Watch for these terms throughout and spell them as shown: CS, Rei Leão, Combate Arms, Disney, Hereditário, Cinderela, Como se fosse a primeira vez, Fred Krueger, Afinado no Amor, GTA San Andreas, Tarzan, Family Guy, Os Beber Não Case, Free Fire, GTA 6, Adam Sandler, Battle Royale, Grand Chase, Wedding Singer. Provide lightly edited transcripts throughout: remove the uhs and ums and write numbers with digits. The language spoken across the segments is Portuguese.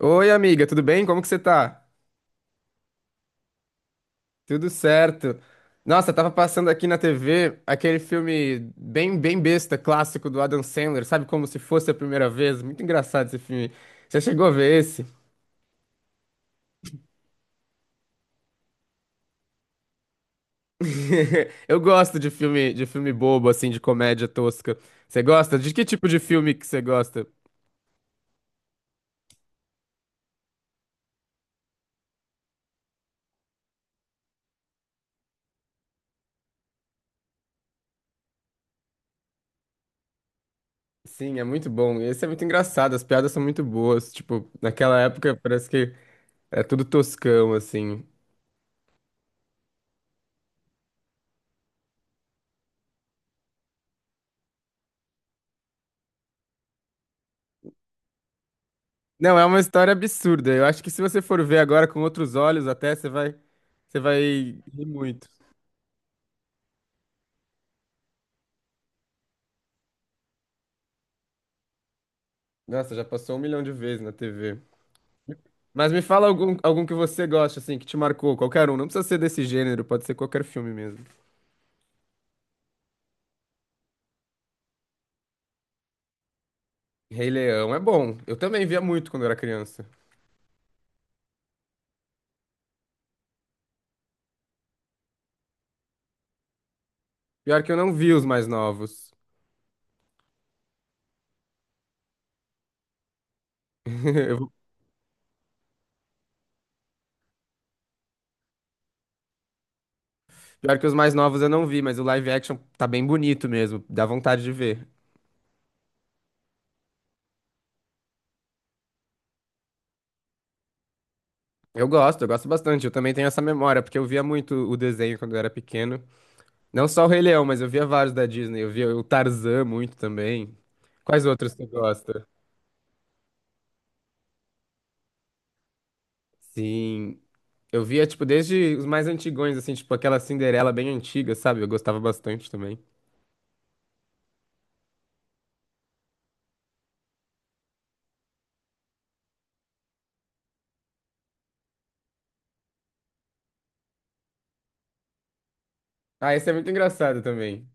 Oi, amiga, tudo bem? Como que você tá? Tudo certo. Nossa, tava passando aqui na TV aquele filme bem besta, clássico do Adam Sandler, sabe? Como se fosse a primeira vez. Muito engraçado esse filme. Você chegou a ver esse? Eu gosto de filme bobo, assim, de comédia tosca. Você gosta? De que tipo de filme que você gosta? Sim, é muito bom. Esse é muito engraçado, as piadas são muito boas. Tipo, naquela época parece que é tudo toscão, assim. Não, é uma história absurda. Eu acho que se você for ver agora com outros olhos, você vai rir muito. Nossa, já passou um milhão de vezes na TV. Mas me fala algum que você gosta, assim, que te marcou, qualquer um. Não precisa ser desse gênero, pode ser qualquer filme mesmo. Rei Leão é bom. Eu também via muito quando era criança. Pior que eu não vi os mais novos. Eu- Pior que os mais novos eu não vi, mas o live action tá bem bonito mesmo. Dá vontade de ver. Eu gosto bastante. Eu também tenho essa memória, porque eu via muito o desenho quando eu era pequeno. Não só o Rei Leão, mas eu via vários da Disney. Eu via o Tarzan muito também. Quais outros tu gosta? Sim, eu via, tipo, desde os mais antigões, assim, tipo aquela Cinderela bem antiga, sabe? Eu gostava bastante também. Ah, esse é muito engraçado também.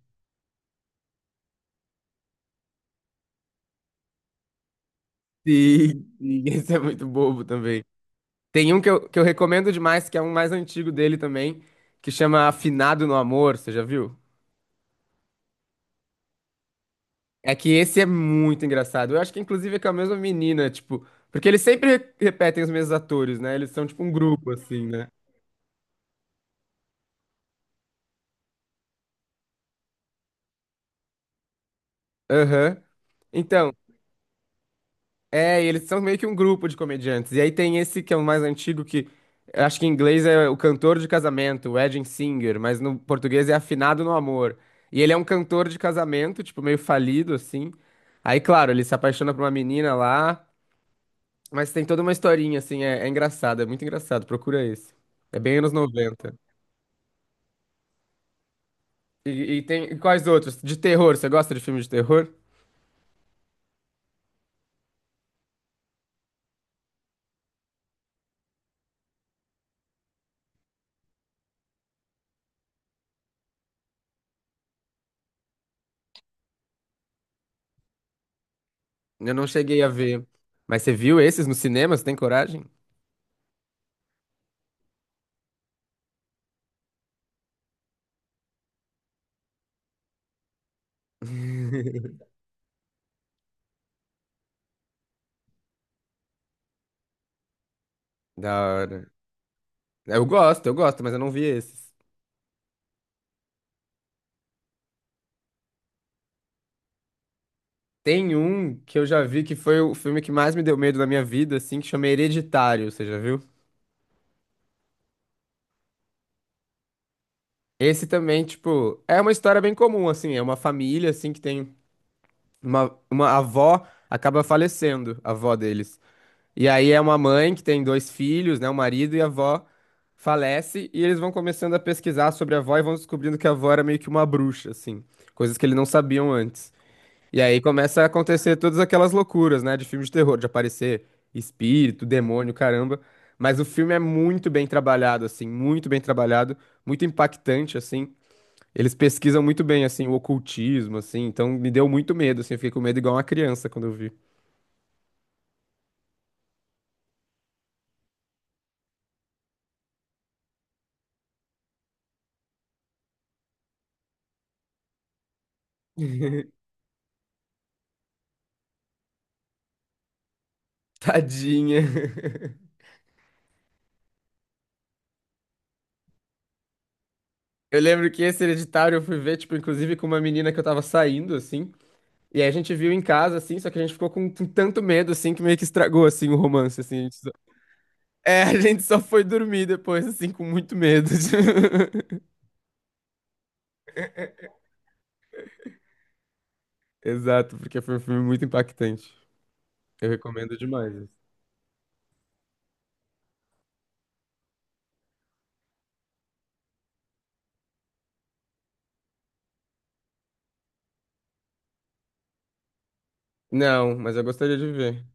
Sim, sim, esse é muito bobo também. Tem um que eu recomendo demais, que é um mais antigo dele também, que chama Afinado no Amor, você já viu? É que esse é muito engraçado. Eu acho que inclusive é com a mesma menina, tipo, porque eles sempre repetem os mesmos atores, né? Eles são tipo um grupo assim, né? Aham. Então, é, e eles são meio que um grupo de comediantes. E aí tem esse que é o mais antigo que eu acho que em inglês é o cantor de casamento, o Wedding Singer, mas no português é Afinado no Amor. E ele é um cantor de casamento, tipo meio falido assim. Aí, claro, ele se apaixona por uma menina lá, mas tem toda uma historinha assim, é engraçado, é muito engraçado. Procura esse. É bem anos noventa. E, e tem quais outros? De terror, você gosta de filme de terror? Eu não cheguei a ver. Mas você viu esses no cinema? Você tem coragem? Da hora. Eu gosto, mas eu não vi esses. Tem um que eu já vi que foi o filme que mais me deu medo na minha vida, assim, que chama Hereditário, você já viu? Esse também, tipo, é uma história bem comum, assim, é uma família, assim, que tem uma avó acaba falecendo, a avó deles. E aí é uma mãe que tem dois filhos, né? O marido e a avó falece e eles vão começando a pesquisar sobre a avó e vão descobrindo que a avó era meio que uma bruxa, assim, coisas que eles não sabiam antes. E aí começa a acontecer todas aquelas loucuras, né, de filme de terror, de aparecer espírito, demônio, caramba. Mas o filme é muito bem trabalhado, assim, muito bem trabalhado, muito impactante, assim. Eles pesquisam muito bem, assim, o ocultismo, assim. Então me deu muito medo, assim, eu fiquei com medo igual uma criança quando eu vi. Tadinha. Eu lembro que esse Hereditário eu fui ver, tipo, inclusive com uma menina que eu tava saindo, assim. E aí a gente viu em casa, assim, só que a gente ficou com tanto medo, assim, que meio que estragou, assim, o romance, assim. É, a gente só foi dormir depois, assim, com muito medo. Exato, porque foi um filme muito impactante. Eu recomendo demais. Não, mas eu gostaria de ver.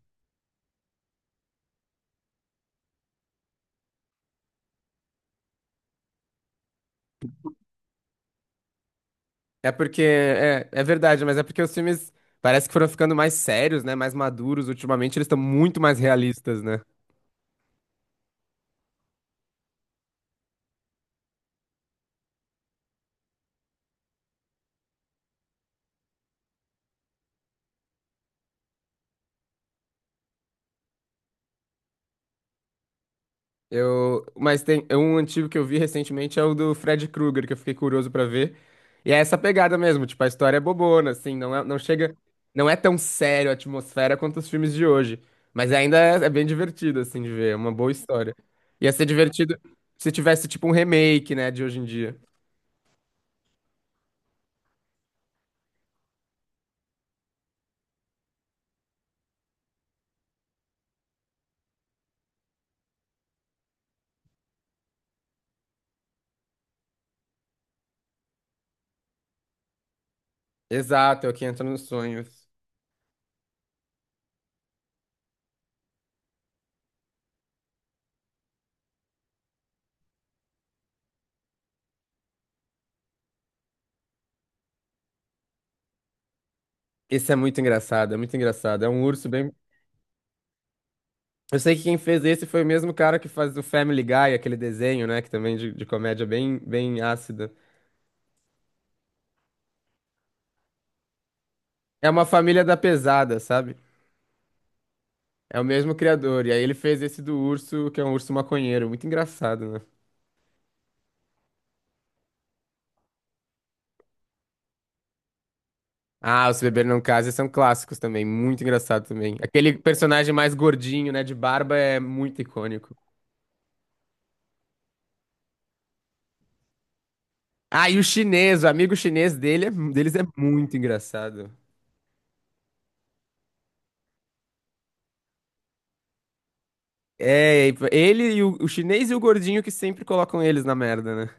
É porque, é verdade, mas é porque os filmes parece que foram ficando mais sérios, né? Mais maduros. Ultimamente eles estão muito mais realistas, né? Mas tem é um antigo que eu vi recentemente é o do Fred Krueger, que eu fiquei curioso pra ver. E é essa pegada mesmo, tipo, a história é bobona, assim, não é tão sério a atmosfera quanto os filmes de hoje, mas ainda é bem divertido assim de ver, é uma boa história. Ia ser divertido se tivesse tipo um remake, né, de hoje em dia. Exato, é o que entra nos sonhos. Esse é muito engraçado, é muito engraçado. É um urso bem. Eu sei que quem fez esse foi o mesmo cara que faz o Family Guy, aquele desenho, né, que também é de comédia bem ácida. É uma família da pesada, sabe? É o mesmo criador. E aí ele fez esse do urso, que é um urso maconheiro. Muito engraçado, né? Ah, Os Beber Não Case são clássicos também. Muito engraçado também. Aquele personagem mais gordinho, né? De barba é muito icônico. Ah, e o chinês, o amigo chinês dele é- deles é muito engraçado. É, ele e o chinês e o gordinho que sempre colocam eles na merda, né?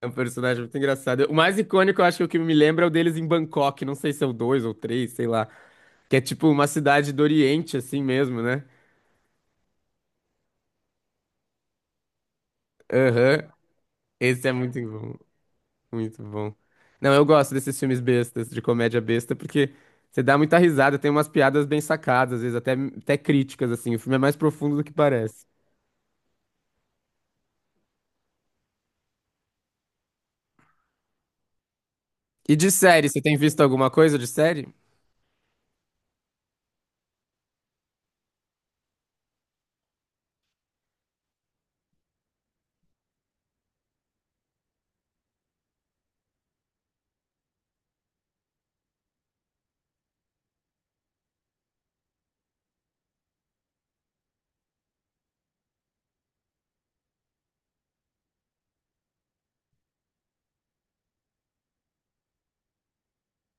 É um personagem muito engraçado. O mais icônico, eu acho que o que me lembra é o deles em Bangkok. Não sei se é o dois ou três, sei lá. Que é tipo uma cidade do Oriente, assim mesmo, né? Aham. Esse é muito bom. Muito bom. Não, eu gosto desses filmes bestas, de comédia besta, porque você dá muita risada, tem umas piadas bem sacadas, às vezes até críticas, assim. O filme é mais profundo do que parece. E de série, você tem visto alguma coisa de série?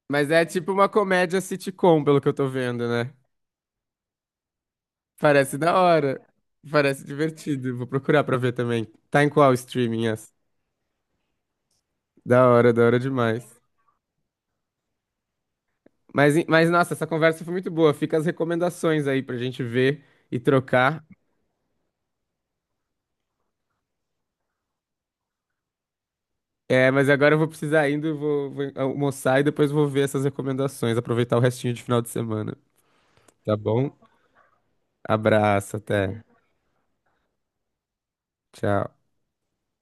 Mas é tipo uma comédia sitcom, pelo que eu tô vendo, né? Parece da hora. Parece divertido. Vou procurar pra ver também. Tá em qual streaming essa? Da hora demais. Mas, nossa, essa conversa foi muito boa. Fica as recomendações aí pra gente ver e trocar. É, mas agora eu vou precisar indo, vou almoçar e depois vou ver essas recomendações, aproveitar o restinho de final de semana. Tá bom? Abraço, até. Tchau.